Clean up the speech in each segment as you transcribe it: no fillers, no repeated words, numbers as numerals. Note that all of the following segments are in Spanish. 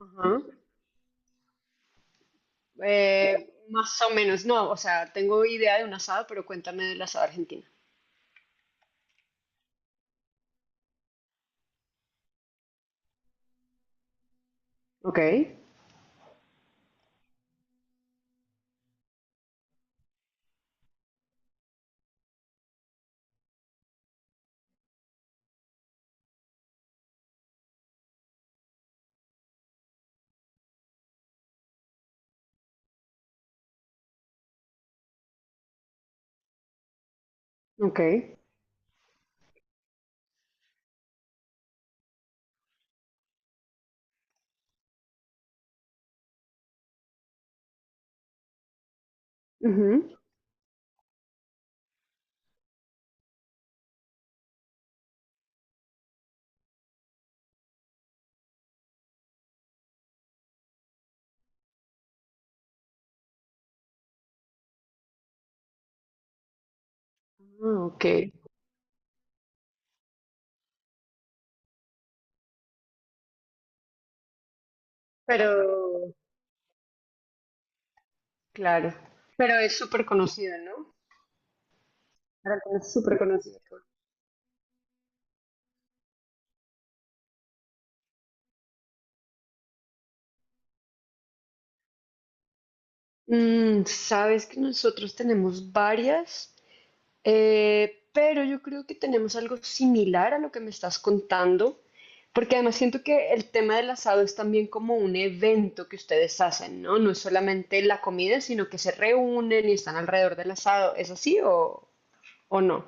Ajá. Más o menos, no, o sea, tengo idea de un asado, pero cuéntame del asado argentino. Ok, ok. Ujú. Ah, ok. Pero, claro, pero es súper conocido, ¿no? Argentina es súper conocido. Sabes que nosotros tenemos varias. Pero yo creo que tenemos algo similar a lo que me estás contando, porque además siento que el tema del asado es también como un evento que ustedes hacen, ¿no? No es solamente la comida, sino que se reúnen y están alrededor del asado. ¿Es así o no?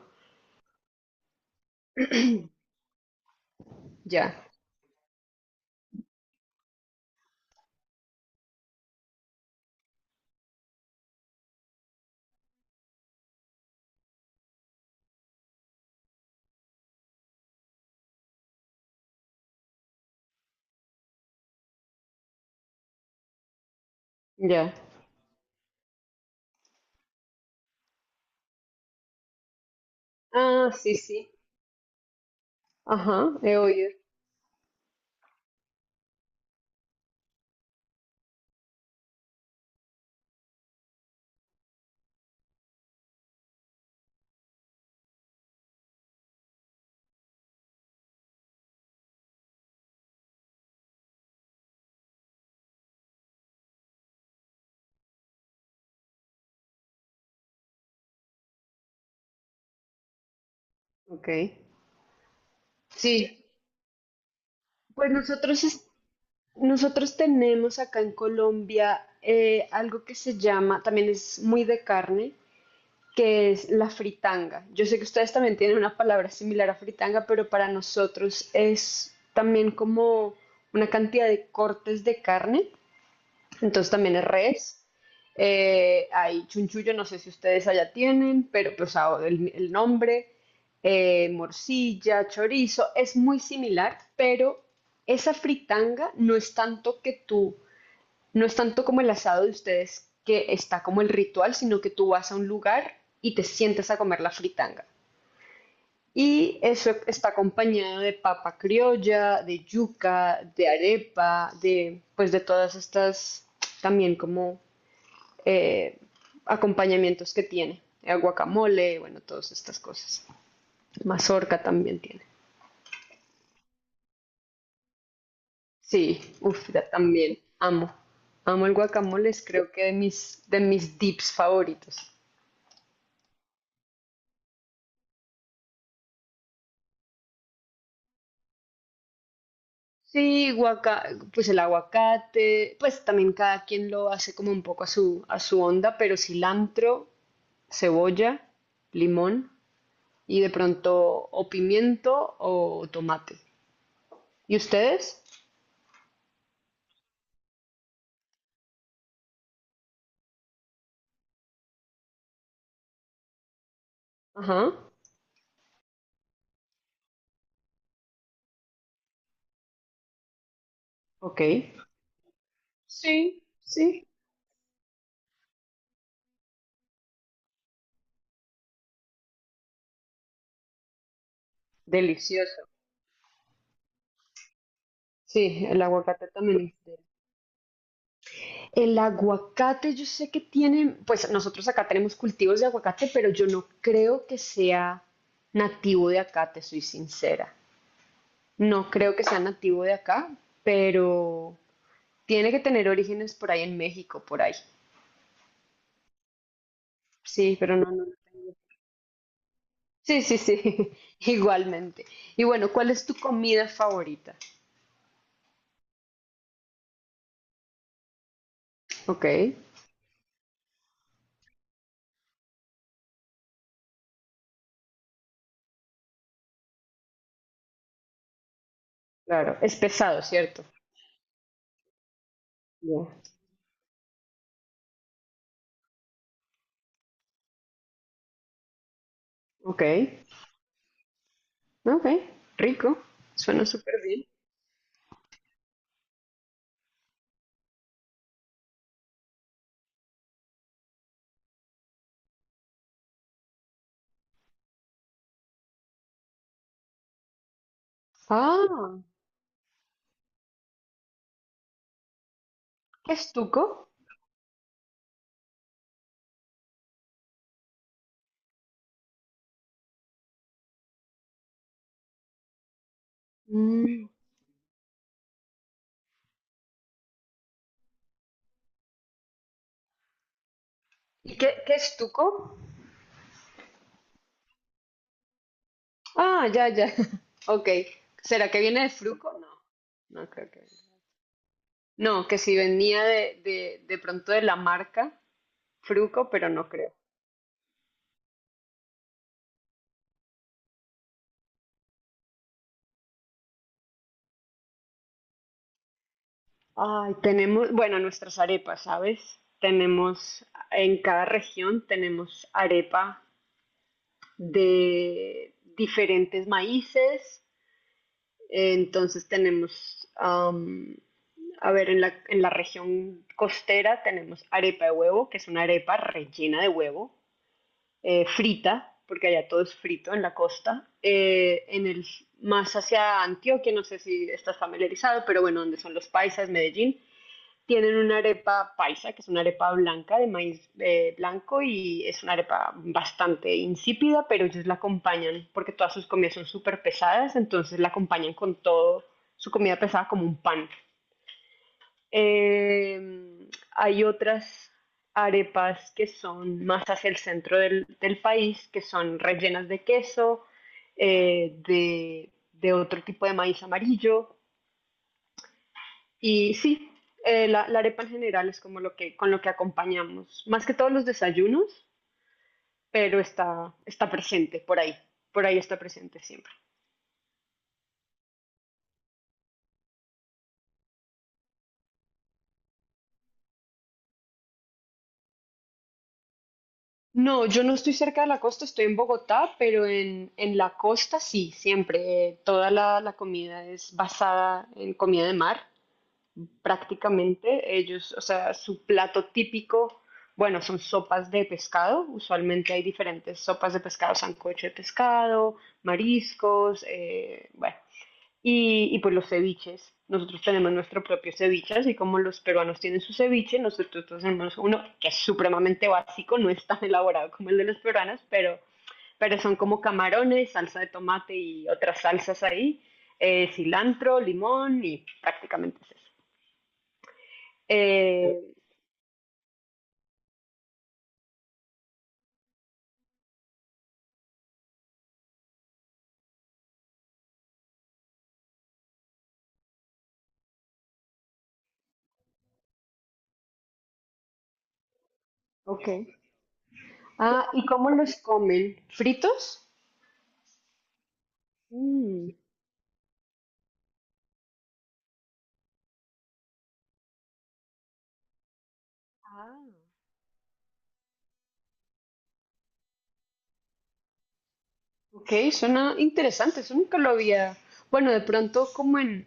Ya, ya. Ah, sí, sí. Ajá, he oído. Ok. Sí, pues nosotros tenemos acá en Colombia algo que se llama, también es muy de carne, que es la fritanga. Yo sé que ustedes también tienen una palabra similar a fritanga, pero para nosotros es también como una cantidad de cortes de carne, entonces también es res. Hay chunchullo, no sé si ustedes allá tienen, pero pues ah, el nombre, morcilla, chorizo, es muy similar, pero esa fritanga no es tanto que tú no es tanto como el asado de ustedes que está como el ritual, sino que tú vas a un lugar y te sientas a comer la fritanga. Y eso está acompañado de papa criolla, de yuca, de arepa, de pues de todas estas también como eh, acompañamientos que tiene. El guacamole, bueno, todas estas cosas. Mazorca también tiene. Sí, uff, también amo. Amo el guacamole, es creo que de de mis dips favoritos. Sí, pues el aguacate, pues también cada quien lo hace como un poco a a su onda, pero cilantro, cebolla, limón y de pronto o pimiento o tomate. ¿Y ustedes? Ajá, ok. Sí, sí. Delicioso. Sí, el aguacate también. El aguacate, yo sé que tienen, pues nosotros acá tenemos cultivos de aguacate, pero yo no creo que sea nativo de acá, te soy sincera. No creo que sea nativo de acá, pero tiene que tener orígenes por ahí en México, por ahí. Sí, pero no, no lo tengo. Sí, sí, sí, igualmente. Y bueno, ¿cuál es tu comida favorita? Ok, claro. Es pesado, ¿cierto? Ya. Ok, ok, rico. Suena súper bien. Ah, ¿qué es tuco? Mm, ¿Y qué, qué es tuco? Ah, ya, ya. Ok. ¿Será que viene de fruco? No, no creo que. No, que si venía de, de pronto de la marca Fruco, pero no creo. Ay, tenemos, bueno, nuestras arepas, ¿sabes? Tenemos, en cada región tenemos arepa de diferentes maíces. Entonces tenemos, am, a ver, en en la región costera tenemos arepa de huevo, que es una arepa rellena de huevo. Frita, porque allá todo es frito en la costa, más hacia Antioquia, no sé si estás familiarizado, pero bueno, donde son los paisas, Medellín, tienen una arepa paisa, que es una arepa blanca de maíz blanco y es una arepa bastante insípida, pero ellos la acompañan porque todas sus comidas son súper pesadas, entonces la acompañan con todo su comida pesada como un pan. Eh, Hay otras arepas que son más hacia el centro del país, que son rellenas de queso, de otro tipo de maíz amarillo. Y sí, la arepa en general es como lo que, con lo que acompañamos, más que todos los desayunos, pero está, está presente por ahí está presente siempre. No, yo no estoy cerca de la costa, estoy en Bogotá, pero en la costa sí, siempre. Toda la comida es basada en comida de mar, prácticamente. Ellos, o sea, su plato típico, bueno, son sopas de pescado. Usualmente hay diferentes sopas de pescado, sancocho de pescado, mariscos, bueno, y pues los ceviches. Nosotros tenemos nuestro propio ceviche, así como los peruanos tienen su ceviche, nosotros tenemos uno que es supremamente básico, no es tan elaborado como el de los peruanos, pero son como camarones, salsa de tomate y otras salsas ahí, cilantro, limón y prácticamente es eso. Eh, ok. Ah, ¿y cómo los comen? ¿Fritos? Mm, Ah, ok, suena interesante, eso nunca lo había. Bueno, de pronto como en,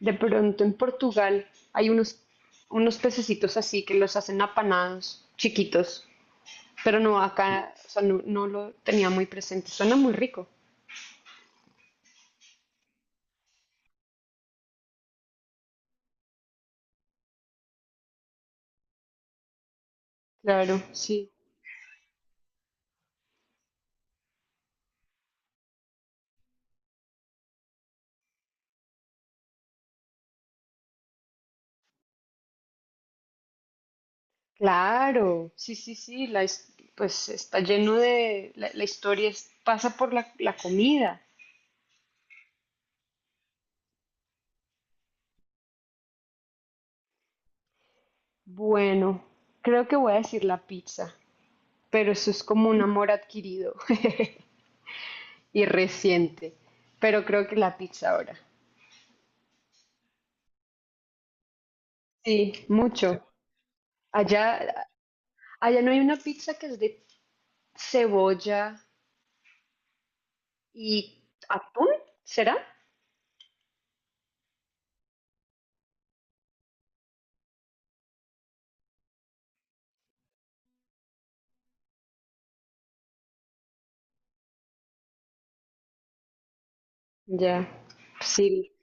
de pronto en Portugal hay unos, unos pececitos así que los hacen apanados, chiquitos, pero no acá, o sea, no, no lo tenía muy presente. Suena muy rico. Claro, sí. Claro, sí, sí, sí. Pues está lleno de, la historia pasa por la comida. Bueno, creo que voy a decir la pizza, pero eso es como un amor adquirido y reciente. Pero creo que la pizza ahora. Sí, mucho. Allá, Allá no hay una pizza que es de cebolla y atún, ¿será? Ya, sí.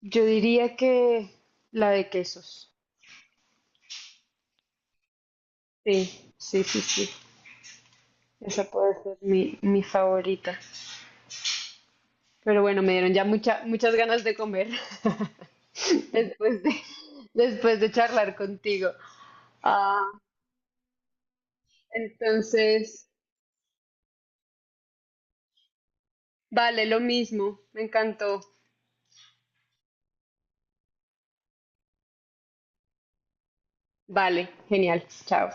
Yo diría que la de quesos. Sí, sí, sí, sí. Esa puede ser mi favorita. Pero bueno, me dieron ya muchas ganas de comer después de, después de charlar contigo. Ah, entonces, vale, lo mismo. Me encantó. Vale, genial. Chao.